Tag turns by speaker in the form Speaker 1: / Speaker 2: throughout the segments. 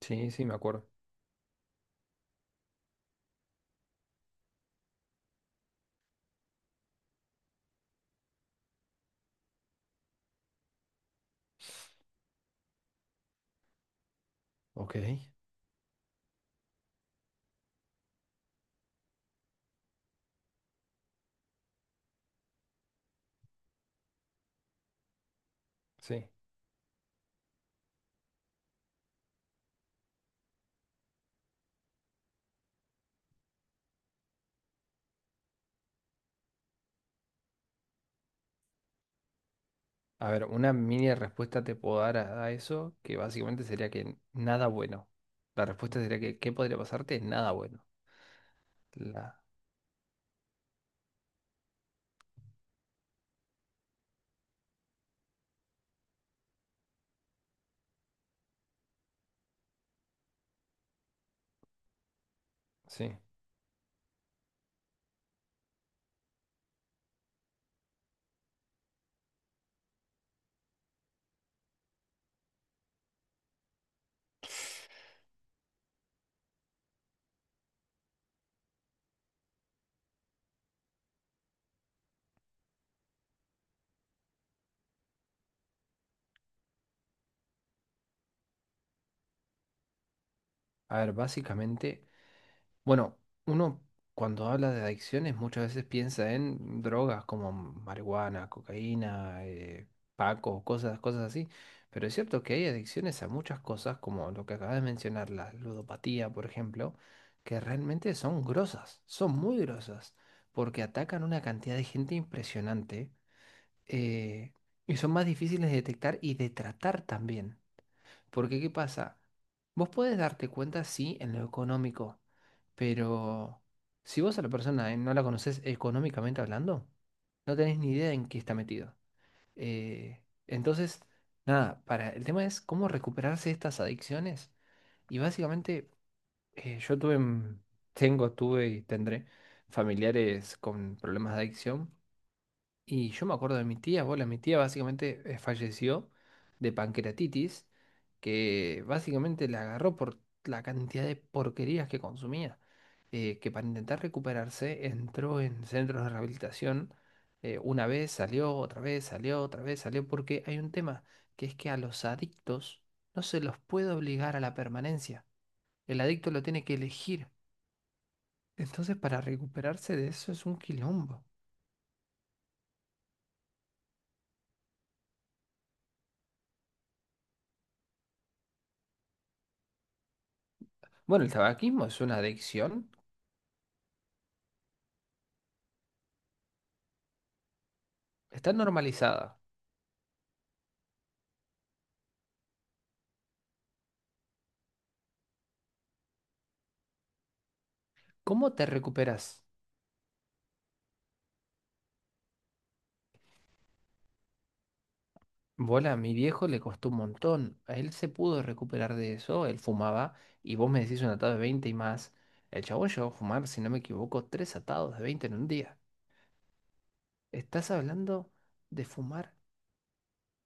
Speaker 1: Sí, sí, me acuerdo. Ok. Sí. A ver, una mini respuesta te puedo dar a eso, que básicamente sería que nada bueno. La respuesta sería que ¿qué podría pasarte? Nada bueno. La... Sí. A ver, básicamente bueno, uno cuando habla de adicciones muchas veces piensa en drogas como marihuana, cocaína, paco, cosas así. Pero es cierto que hay adicciones a muchas cosas, como lo que acabas de mencionar, la ludopatía, por ejemplo, que realmente son grosas, son muy grosas, porque atacan una cantidad de gente impresionante eh, y son más difíciles de detectar y de tratar también. Porque, ¿qué pasa? Vos podés darte cuenta, sí, en lo económico. Pero si vos a la persona no la conocés económicamente hablando, no tenés ni idea en qué está metido. Entonces, nada, para el tema es cómo recuperarse de estas adicciones. Y básicamente, yo tuve, tengo, tuve y tendré familiares con problemas de adicción. Y yo me acuerdo de mi tía, bola, mi tía básicamente falleció de pancreatitis, que básicamente la agarró por la cantidad de porquerías que consumía, que para intentar recuperarse entró en centros de rehabilitación, una vez salió, otra vez salió, otra vez salió, porque hay un tema, que es que a los adictos no se los puede obligar a la permanencia, el adicto lo tiene que elegir, entonces para recuperarse de eso es un quilombo. Bueno, el tabaquismo es una adicción. Está normalizada. ¿Cómo te recuperas? Bola, a mi viejo le costó un montón. A él se pudo recuperar de eso, él fumaba, y vos me decís un atado de 20 y más. El chabón llegó a fumar, si no me equivoco, tres atados de 20 en un día. Estás hablando de fumar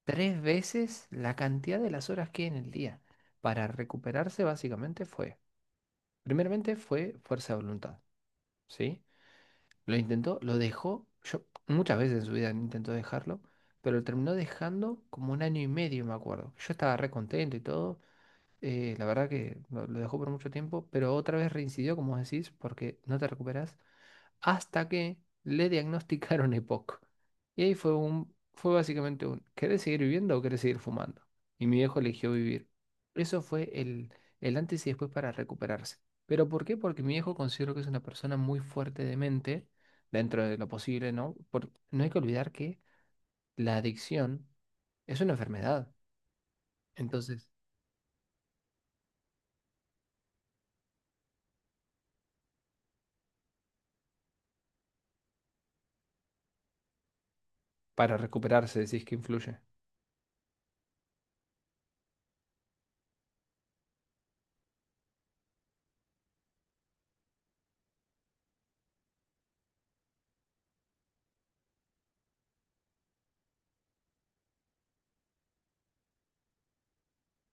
Speaker 1: tres veces la cantidad de las horas que hay en el día. Para recuperarse básicamente fue, primeramente fue fuerza de voluntad, ¿sí? Lo intentó, lo dejó. Yo muchas veces en su vida intentó dejarlo, pero lo terminó dejando como un año y medio, me acuerdo. Yo estaba re contento y todo. La verdad que lo dejó por mucho tiempo, pero otra vez reincidió, como vos decís, porque no te recuperas hasta que le diagnosticaron EPOC. Y ahí fue un, fue básicamente un, ¿querés seguir viviendo o querés seguir fumando? Y mi viejo eligió vivir. Eso fue el antes y después para recuperarse. ¿Pero por qué? Porque mi viejo considero que es una persona muy fuerte de mente, dentro de lo posible, ¿no? Por- no hay que olvidar que la adicción es una enfermedad. Entonces, para recuperarse decís que influye.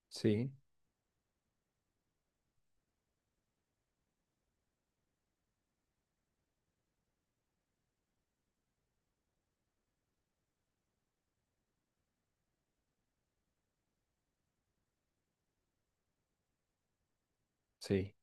Speaker 1: Sí. Sí,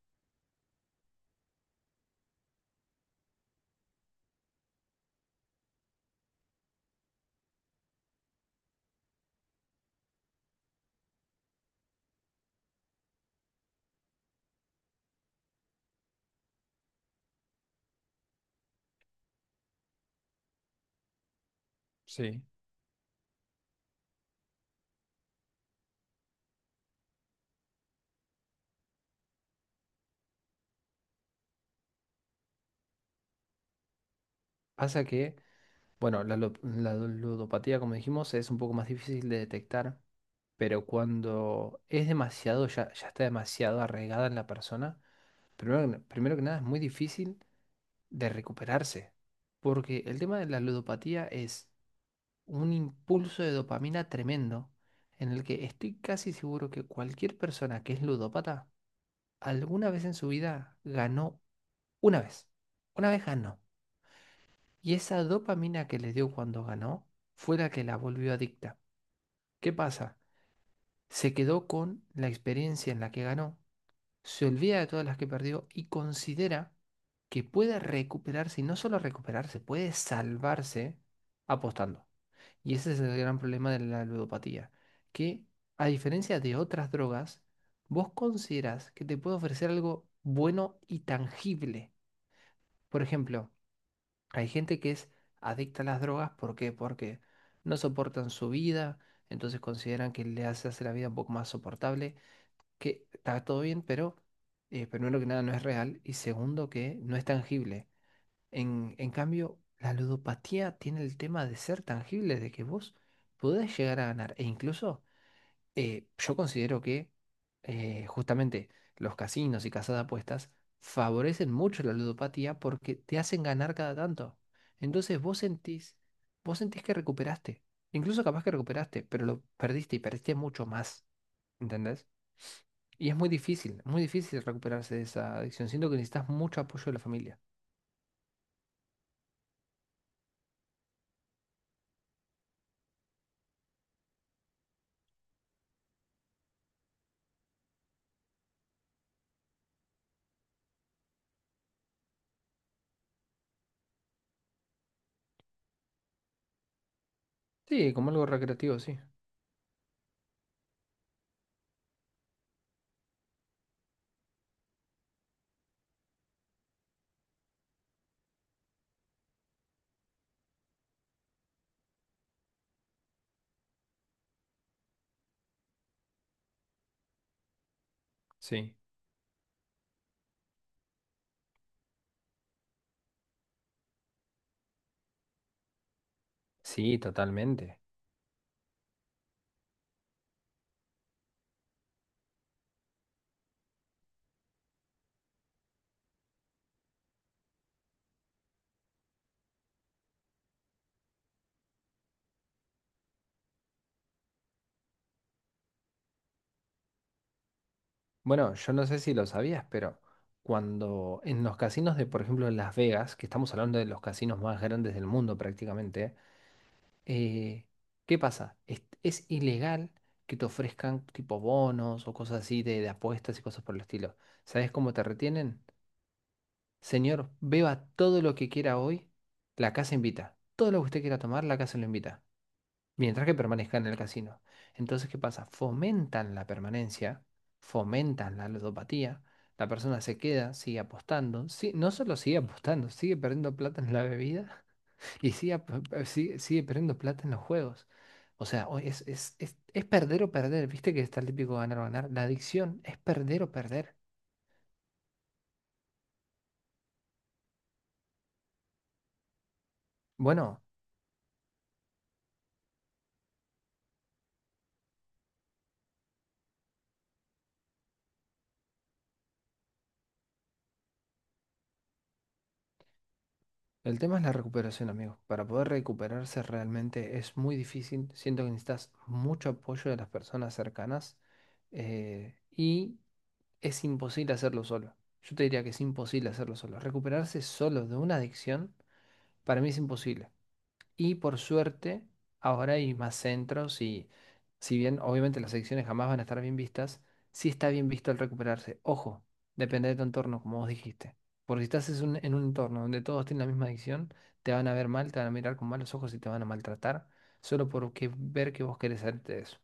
Speaker 1: sí. Pasa que bueno, la, lu- la ludopatía, como dijimos, es un poco más difícil de detectar, pero cuando es demasiado, ya está demasiado arraigada en la persona, primero que nada es muy difícil de recuperarse, porque el tema de la ludopatía es un impulso de dopamina tremendo, en el que estoy casi seguro que cualquier persona que es ludópata alguna vez en su vida ganó una vez, una vez ganó, y esa dopamina que le dio cuando ganó fue la que la volvió adicta. ¿Qué pasa? Se quedó con la experiencia en la que ganó, se olvida de todas las que perdió y considera que puede recuperarse y no solo recuperarse, puede salvarse apostando. Y ese es el gran problema de la ludopatía, que a diferencia de otras drogas, vos consideras que te puede ofrecer algo bueno y tangible. Por ejemplo, hay gente que es adicta a las drogas, ¿por qué? Porque no soportan su vida, entonces consideran que le hace, hace la vida un poco más soportable, que está todo bien, pero primero que nada no es real y segundo que no es tangible. En cambio, la ludopatía tiene el tema de ser tangible, de que vos podés llegar a ganar e incluso yo considero que justamente los casinos y casas de apuestas favorecen mucho la ludopatía porque te hacen ganar cada tanto. Entonces vos sentís que recuperaste. Incluso capaz que recuperaste, pero lo perdiste y perdiste mucho más. ¿Entendés? Y es muy difícil recuperarse de esa adicción. Siento que necesitas mucho apoyo de la familia. Sí, como algo recreativo, sí. Sí, sí, totalmente. Bueno, yo no sé si lo sabías, pero cuando en los casinos de, por ejemplo, en Las Vegas, que estamos hablando de los casinos más grandes del mundo prácticamente, eh, ¿qué pasa? Es ilegal que te ofrezcan tipo bonos o cosas así de apuestas y cosas por el estilo. ¿Sabes cómo te retienen? Señor, beba todo lo que quiera hoy, la casa invita. Todo lo que usted quiera tomar, la casa lo invita mientras que permanezcan en el casino. Entonces, ¿qué pasa? Fomentan la permanencia, fomentan la ludopatía, la persona se queda, sigue apostando, sí, no solo sigue apostando, sigue perdiendo plata en la bebida y sigue, sigue, sigue perdiendo plata en los juegos. O sea, es perder o perder, viste que está el típico ganar o ganar. La adicción es perder o perder. Bueno. El tema es la recuperación, amigo. Para poder recuperarse realmente es muy difícil. Siento que necesitas mucho apoyo de las personas cercanas y es imposible hacerlo solo. Yo te diría que es imposible hacerlo solo. Recuperarse solo de una adicción, para mí es imposible. Y por suerte, ahora hay más centros y si bien obviamente las adicciones jamás van a estar bien vistas, sí está bien visto el recuperarse. Ojo, depende de tu entorno, como vos dijiste. Porque si estás en un entorno donde todos tienen la misma adicción, te van a ver mal, te van a mirar con malos ojos y te van a maltratar solo porque ver que vos querés hacerte eso.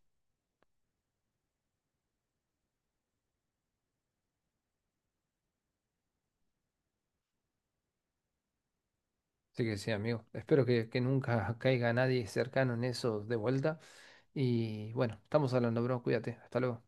Speaker 1: Así que sí, amigo. Espero que nunca caiga nadie cercano en eso de vuelta. Y bueno, estamos hablando, bro. Cuídate. Hasta luego.